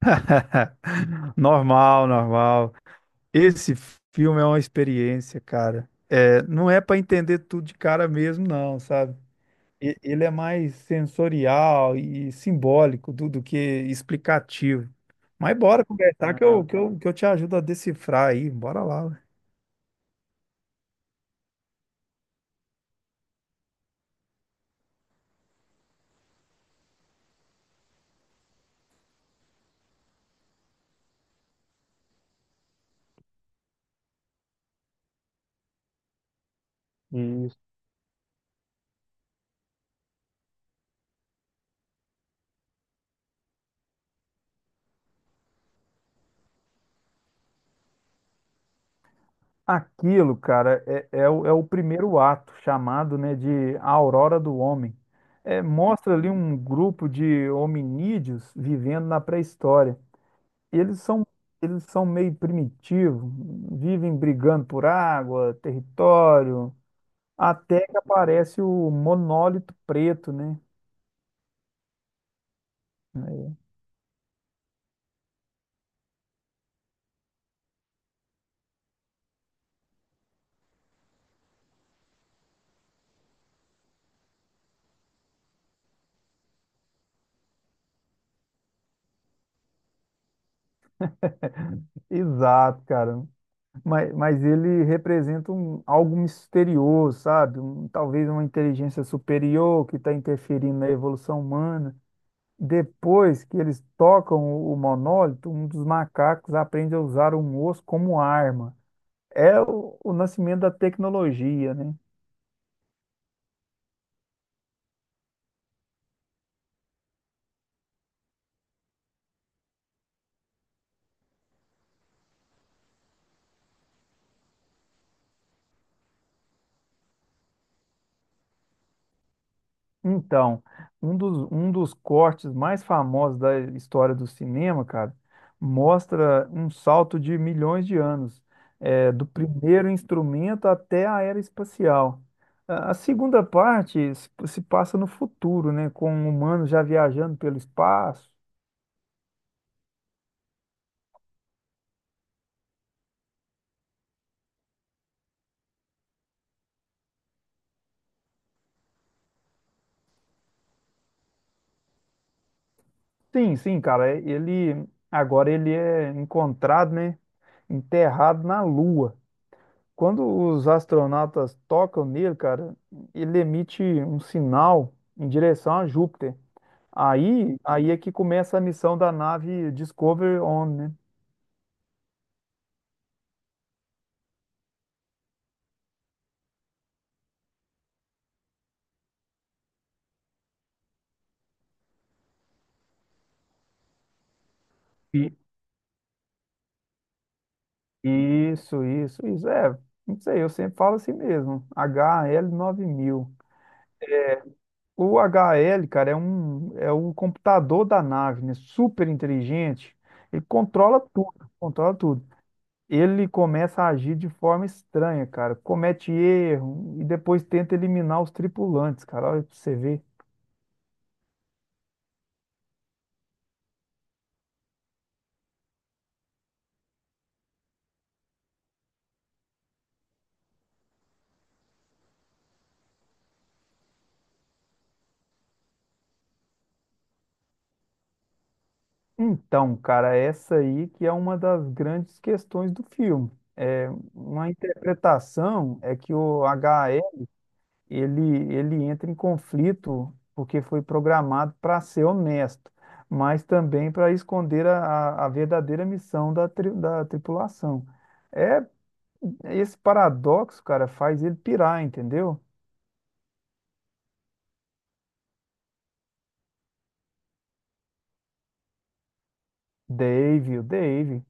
Normal, normal. Esse filme é uma experiência, cara. É, não é para entender tudo de cara mesmo, não, sabe? Ele é mais sensorial e simbólico do que explicativo. Mas bora conversar que eu, Ah, que eu te ajudo a decifrar aí. Bora lá, ué. Isso. Aquilo, cara, é o primeiro ato, chamado, né, de a Aurora do Homem. É, mostra ali um grupo de hominídeos vivendo na pré-história. E eles são, eles são meio primitivos, vivem brigando por água, território, até que aparece o monólito preto, né? É, exato, cara. Mas ele representa um, algo misterioso, sabe? Talvez uma inteligência superior que está interferindo na evolução humana. Depois que eles tocam o monólito, um dos macacos aprende a usar um osso como arma. É o nascimento da tecnologia, né? Então, um dos cortes mais famosos da história do cinema, cara, mostra um salto de milhões de anos, é, do primeiro instrumento até a era espacial. A segunda parte se passa no futuro, né, com humanos já viajando pelo espaço. Sim, sim, cara, é, ele agora ele é encontrado, né, enterrado na Lua. Quando os astronautas tocam nele, cara, ele emite um sinal em direção a Júpiter. Aí é que começa a missão da nave Discovery On, né? E- Isso, isso, isso. É, não sei, eu sempre falo assim mesmo. HL9000. O HL, cara, é o computador da nave, né? Super inteligente. Ele controla tudo, controla tudo. Ele começa a agir de forma estranha, cara. Comete erro e depois tenta eliminar os tripulantes, cara. Olha pra você ver. Então, cara, essa aí que é uma das grandes questões do filme. É, uma interpretação é que o HE, ele entra em conflito porque foi programado para ser honesto, mas também para esconder a verdadeira missão da, da tripulação. É, esse paradoxo, cara, faz ele pirar, entendeu? Dave, o Dave.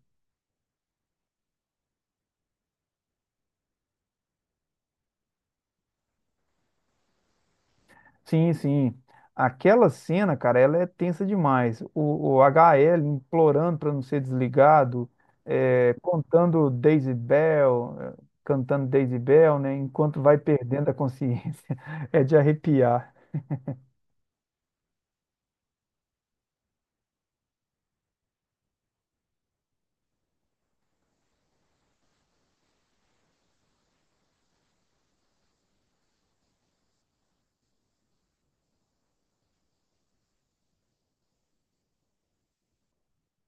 Sim, sim. Aquela cena, cara, ela é tensa demais. O HL implorando para não ser desligado, é, contando Daisy Bell, é, cantando Daisy Bell, né? Enquanto vai perdendo a consciência. É de arrepiar.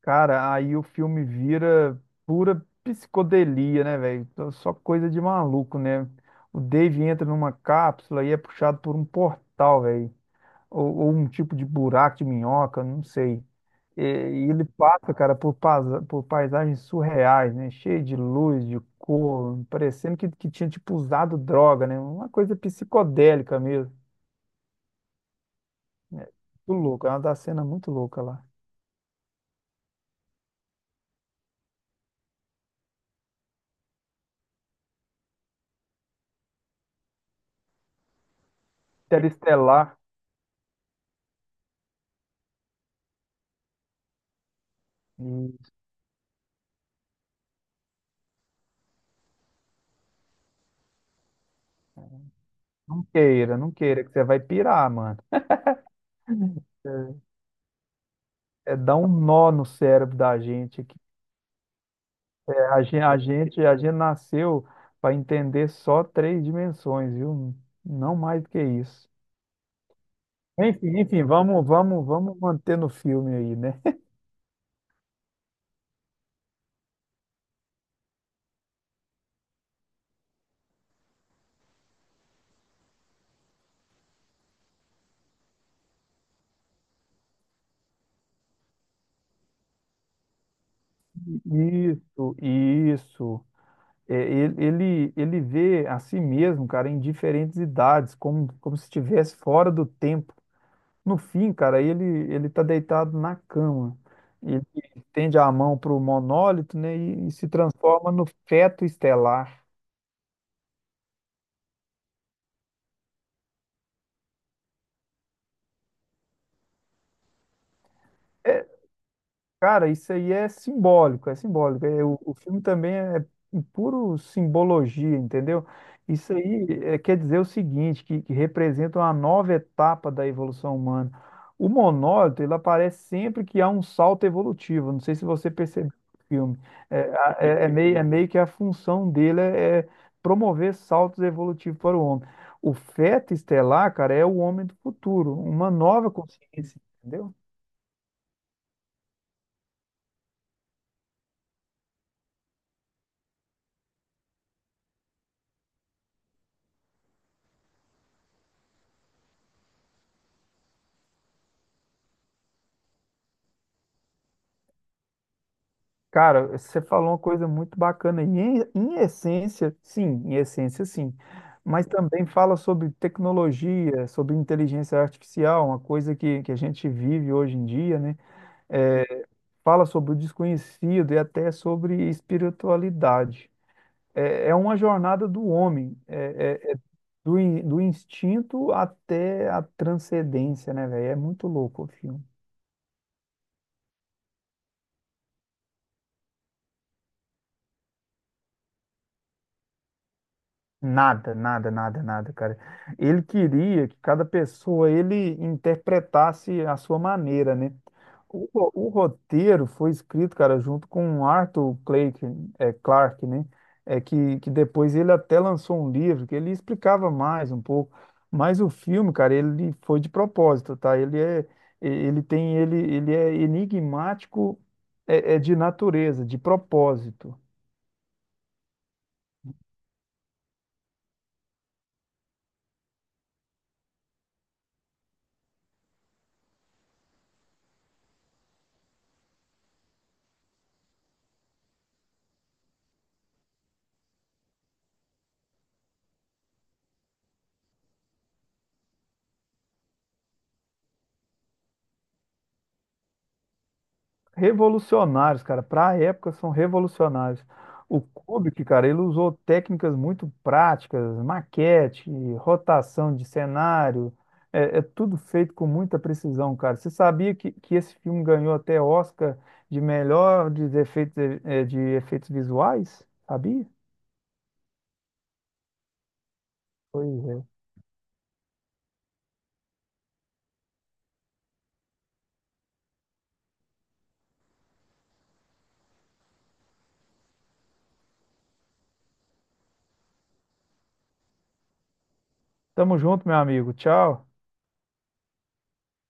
Cara, aí o filme vira pura psicodelia, né, velho? Só coisa de maluco, né? O Dave entra numa cápsula e é puxado por um portal, velho. Ou um tipo de buraco de minhoca, não sei. E ele passa, cara, por, por paisagens surreais, né? Cheio de luz, de cor, parecendo que tinha, tipo, usado droga, né? Uma coisa psicodélica mesmo, né? Muito louco, é uma da cena muito louca lá. Interestelar, e não queira, que você vai pirar, mano. É, é dar um nó no cérebro da gente. Que a gente nasceu para entender só três dimensões, viu? Não mais do que isso. Enfim, enfim, vamos manter no filme aí, né? Isso, isso. É, ele vê a si mesmo, cara, em diferentes idades, como, como se estivesse fora do tempo. No fim, cara, ele tá deitado na cama. Ele estende a mão para o monólito, né, e se transforma no feto estelar. Cara, isso aí é simbólico, é simbólico. É, o filme também é em puro simbologia, entendeu? Isso aí é, quer dizer o seguinte, que representa uma nova etapa da evolução humana. O monólito, ele aparece sempre que há um salto evolutivo. Não sei se você percebeu no filme. É, é meio que a função dele é promover saltos evolutivos para o homem. O feto estelar, cara, é o homem do futuro, uma nova consciência, entendeu? Cara, você falou uma coisa muito bacana. E em essência, sim, em essência, sim. Mas também fala sobre tecnologia, sobre inteligência artificial, uma coisa que a gente vive hoje em dia, né? É, fala sobre o desconhecido e até sobre espiritualidade. É, é uma jornada do homem, é do instinto até a transcendência, né, velho? É muito louco o filme. Nada, nada, nada, nada, cara. Ele queria que cada pessoa ele interpretasse a sua maneira, né? O, o roteiro foi escrito, cara, junto com Arthur Clarke, é, Clarke, né? É que depois ele até lançou um livro que ele explicava mais um pouco. Mas o filme, cara, ele foi de propósito, tá? Ele é, ele tem, ele é enigmático, é, é de natureza, de propósito. Revolucionários, cara. Para a época, são revolucionários. O Kubrick, cara, ele usou técnicas muito práticas, maquete, rotação de cenário. É, é tudo feito com muita precisão, cara. Você sabia que esse filme ganhou até Oscar de melhor de efeitos, de efeitos visuais? Sabia? Pois é. Tamo junto, meu amigo. Tchau.